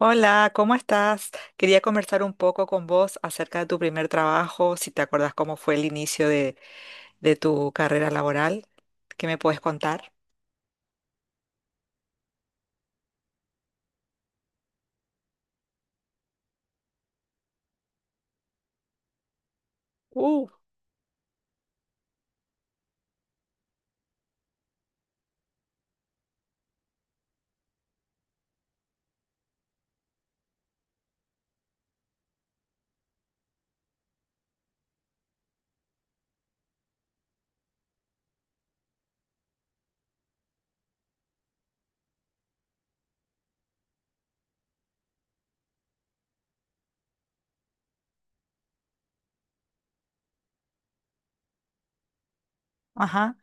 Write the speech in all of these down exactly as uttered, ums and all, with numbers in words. Hola, ¿cómo estás? Quería conversar un poco con vos acerca de tu primer trabajo, si te acuerdas cómo fue el inicio de, de tu carrera laboral. ¿Qué me puedes contar? Uh, ajá,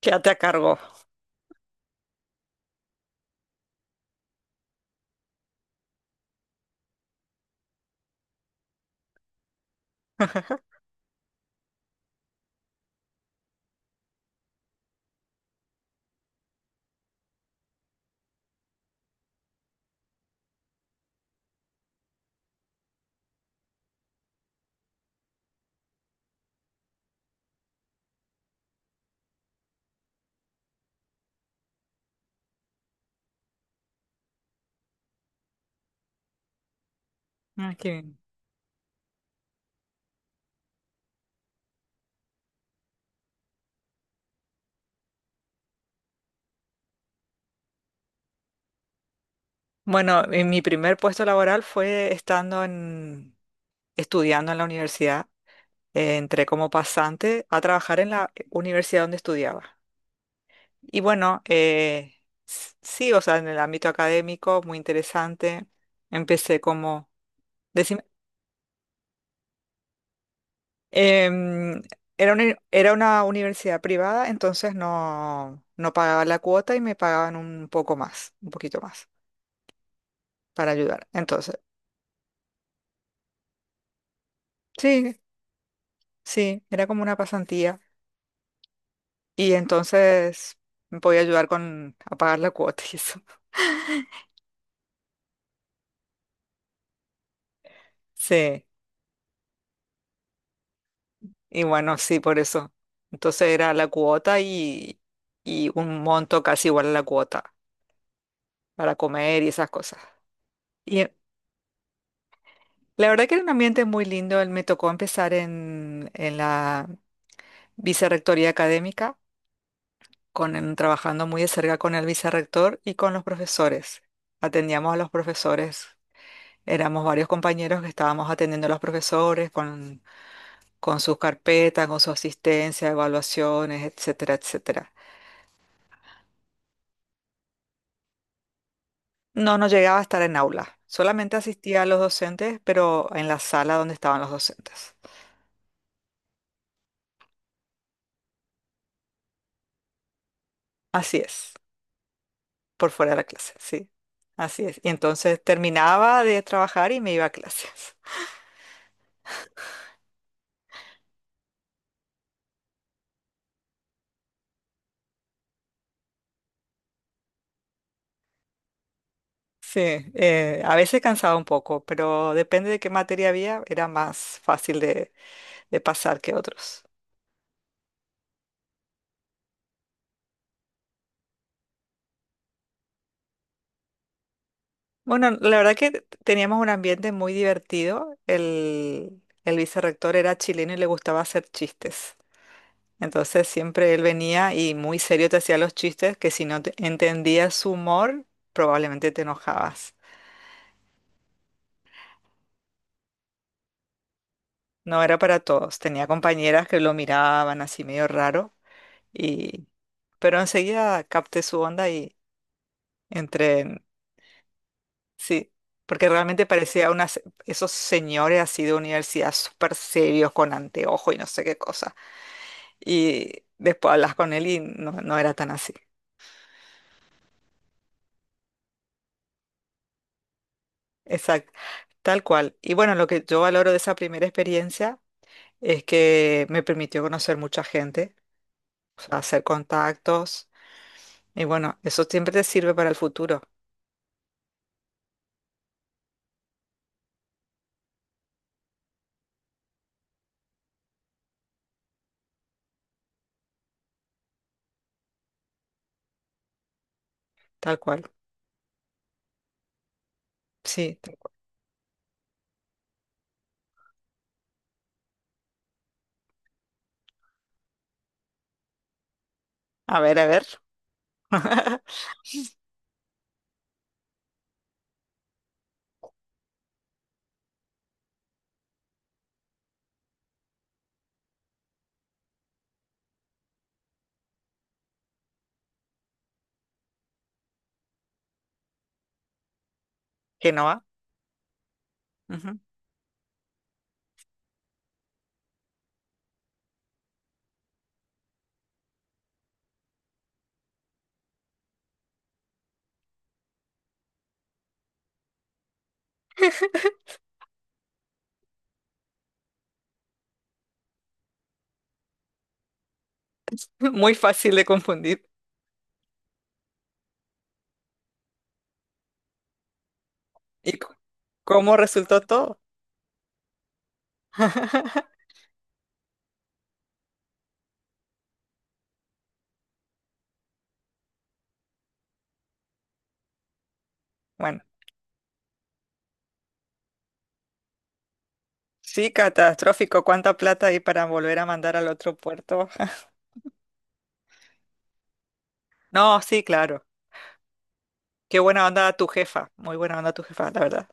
quédate a cargo. Ah, qué bien. Bueno, eh, mi primer puesto laboral fue estando en, estudiando en la universidad. Eh, entré como pasante a trabajar en la universidad donde estudiaba. Y bueno, eh, s- sí, o sea, en el ámbito académico, muy interesante. Empecé como... Em, era una, era una universidad privada, entonces no, no pagaba la cuota y me pagaban un poco más, un poquito más para ayudar. Entonces, sí, sí, era como una pasantía y entonces me podía ayudar con a pagar la cuota y eso. Sí, y bueno, sí, por eso. Entonces era la cuota y, y un monto casi igual a la cuota para comer y esas cosas. Y la verdad que era un ambiente muy lindo. Me tocó empezar en, en la Vicerrectoría académica, con el- trabajando muy de cerca con el vicerrector y con los profesores. Atendíamos a los profesores. Éramos varios compañeros que estábamos atendiendo a los profesores con, con sus carpetas, con su asistencia, evaluaciones, etcétera, etcétera. No, no llegaba a estar en aula. Solamente asistía a los docentes, pero en la sala donde estaban los docentes. Así es, por fuera de la clase, sí. Así es. Y entonces terminaba de trabajar y me iba a clases. Sí, eh, a veces cansaba un poco, pero depende de qué materia había, era más fácil de, de pasar que otros. Bueno, la verdad que t- teníamos un ambiente muy divertido. El, el vicerrector era chileno y le gustaba hacer chistes. Entonces siempre él venía y muy serio te hacía los chistes que si no te- entendías su humor, probablemente te enojabas. No era para todos. Tenía compañeras que lo miraban así medio raro y... Pero enseguida capté su onda y entré. Sí, porque realmente parecía unas, esos señores así de universidad súper serios, con anteojo y no sé qué cosa. Y después hablas con él y no, no era tan así. Exacto, tal cual. Y bueno, lo que yo valoro de esa primera experiencia es que me permitió conocer mucha gente, o sea, hacer contactos. Y bueno, eso siempre te sirve para el futuro, tal cual. Sí, a ver, a ver. Que no va. Ujú. Muy fácil de confundir. ¿Y c- cómo resultó todo? Bueno, sí, catastrófico. ¿Cuánta plata hay para volver a mandar al otro puerto? No, sí, claro. Qué buena onda tu jefa. Muy buena onda tu jefa, la verdad.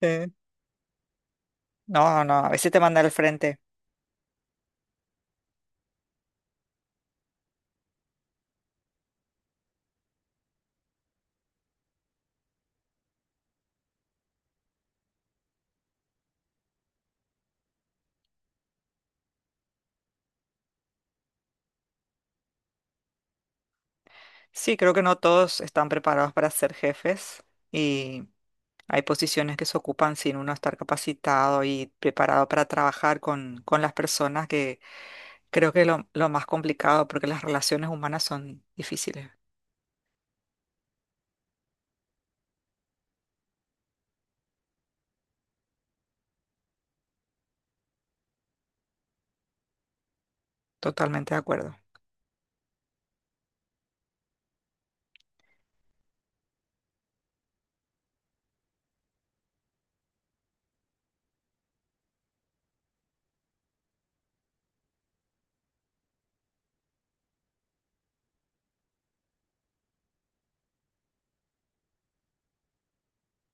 Eh, No, no, a veces te manda al frente. Sí, creo que no todos están preparados para ser jefes y hay posiciones que se ocupan sin uno estar capacitado y preparado para trabajar con, con las personas, que creo que es lo, lo más complicado porque las relaciones humanas son difíciles. Totalmente de acuerdo.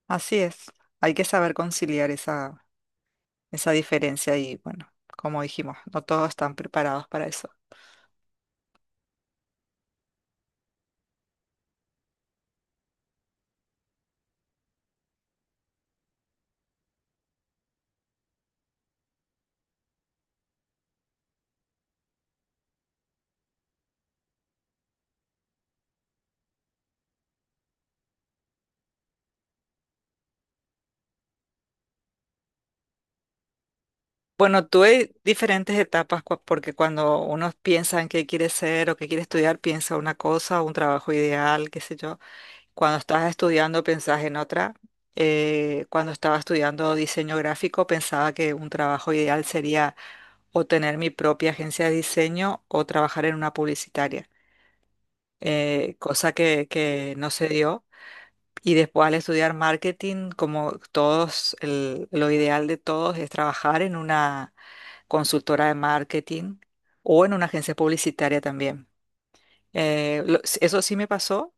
Así es, hay que saber conciliar esa, esa diferencia y bueno, como dijimos, no todos están preparados para eso. Bueno, tuve diferentes etapas cua- porque cuando uno piensa en qué quiere ser o qué quiere estudiar, piensa una cosa, un trabajo ideal, qué sé yo. Cuando estás estudiando, pensás en otra. Eh, cuando estaba estudiando diseño gráfico, pensaba que un trabajo ideal sería o tener mi propia agencia de diseño o trabajar en una publicitaria, Eh, cosa que, que no se dio. Y después al estudiar marketing, como todos, el- lo ideal de todos es trabajar en una consultora de marketing o en una agencia publicitaria también. Eh, lo- s- eso sí me pasó.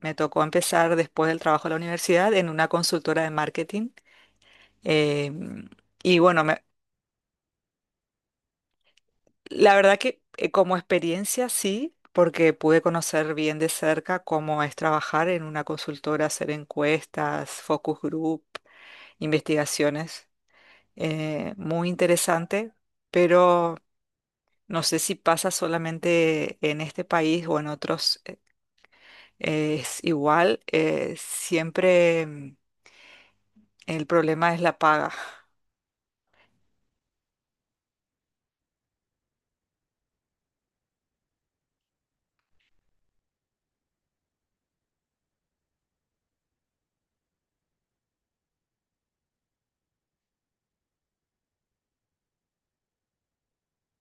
Me tocó empezar después del trabajo de la universidad en una consultora de marketing. Eh, y bueno, me- la verdad que eh, como experiencia sí, porque pude conocer bien de cerca cómo es trabajar en una consultora, hacer encuestas, focus group, investigaciones. eh, muy interesante, pero no sé si pasa solamente en este país o en otros. eh, eh, Es igual, eh, siempre mm, el problema es la paga.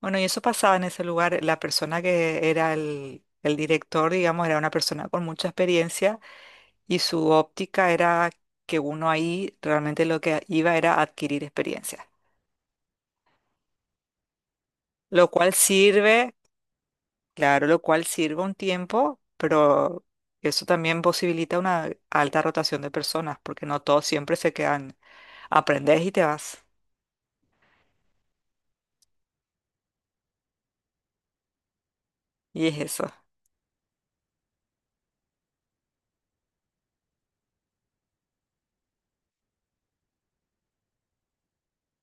Bueno, y eso pasaba en ese lugar. La persona que era el, el director, digamos, era una persona con mucha experiencia y su óptica era que uno ahí realmente lo que iba era adquirir experiencia, lo cual sirve. Claro, lo cual sirve un tiempo, pero eso también posibilita una alta rotación de personas, porque no todos siempre se quedan. Aprendes y te vas. Y es eso.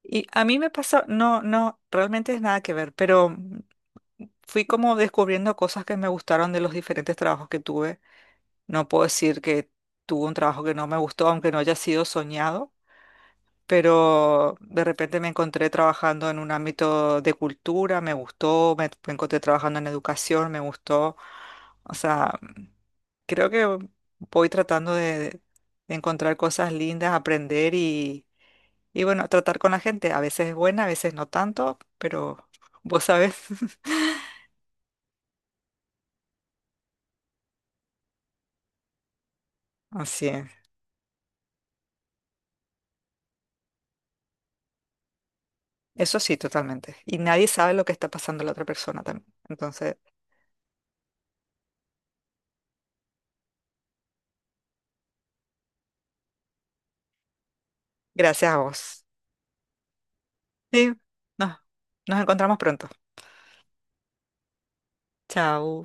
Y a mí me pasó, no, no, realmente es nada que ver, pero mm, fui como descubriendo cosas que me gustaron de los diferentes trabajos que tuve. No puedo decir que tuve un trabajo que no me gustó, aunque no haya sido soñado, pero de repente me encontré trabajando en un ámbito de cultura, me gustó, me, me encontré trabajando en educación, me gustó. O sea, creo que voy tratando de, de encontrar cosas lindas, aprender y, y bueno, tratar con la gente. A veces es buena, a veces no tanto, pero vos sabés. Así es. Eso sí, totalmente. Y nadie sabe lo que está pasando la otra persona también. Entonces, gracias a vos. Sí, nos, nos encontramos pronto. Chao.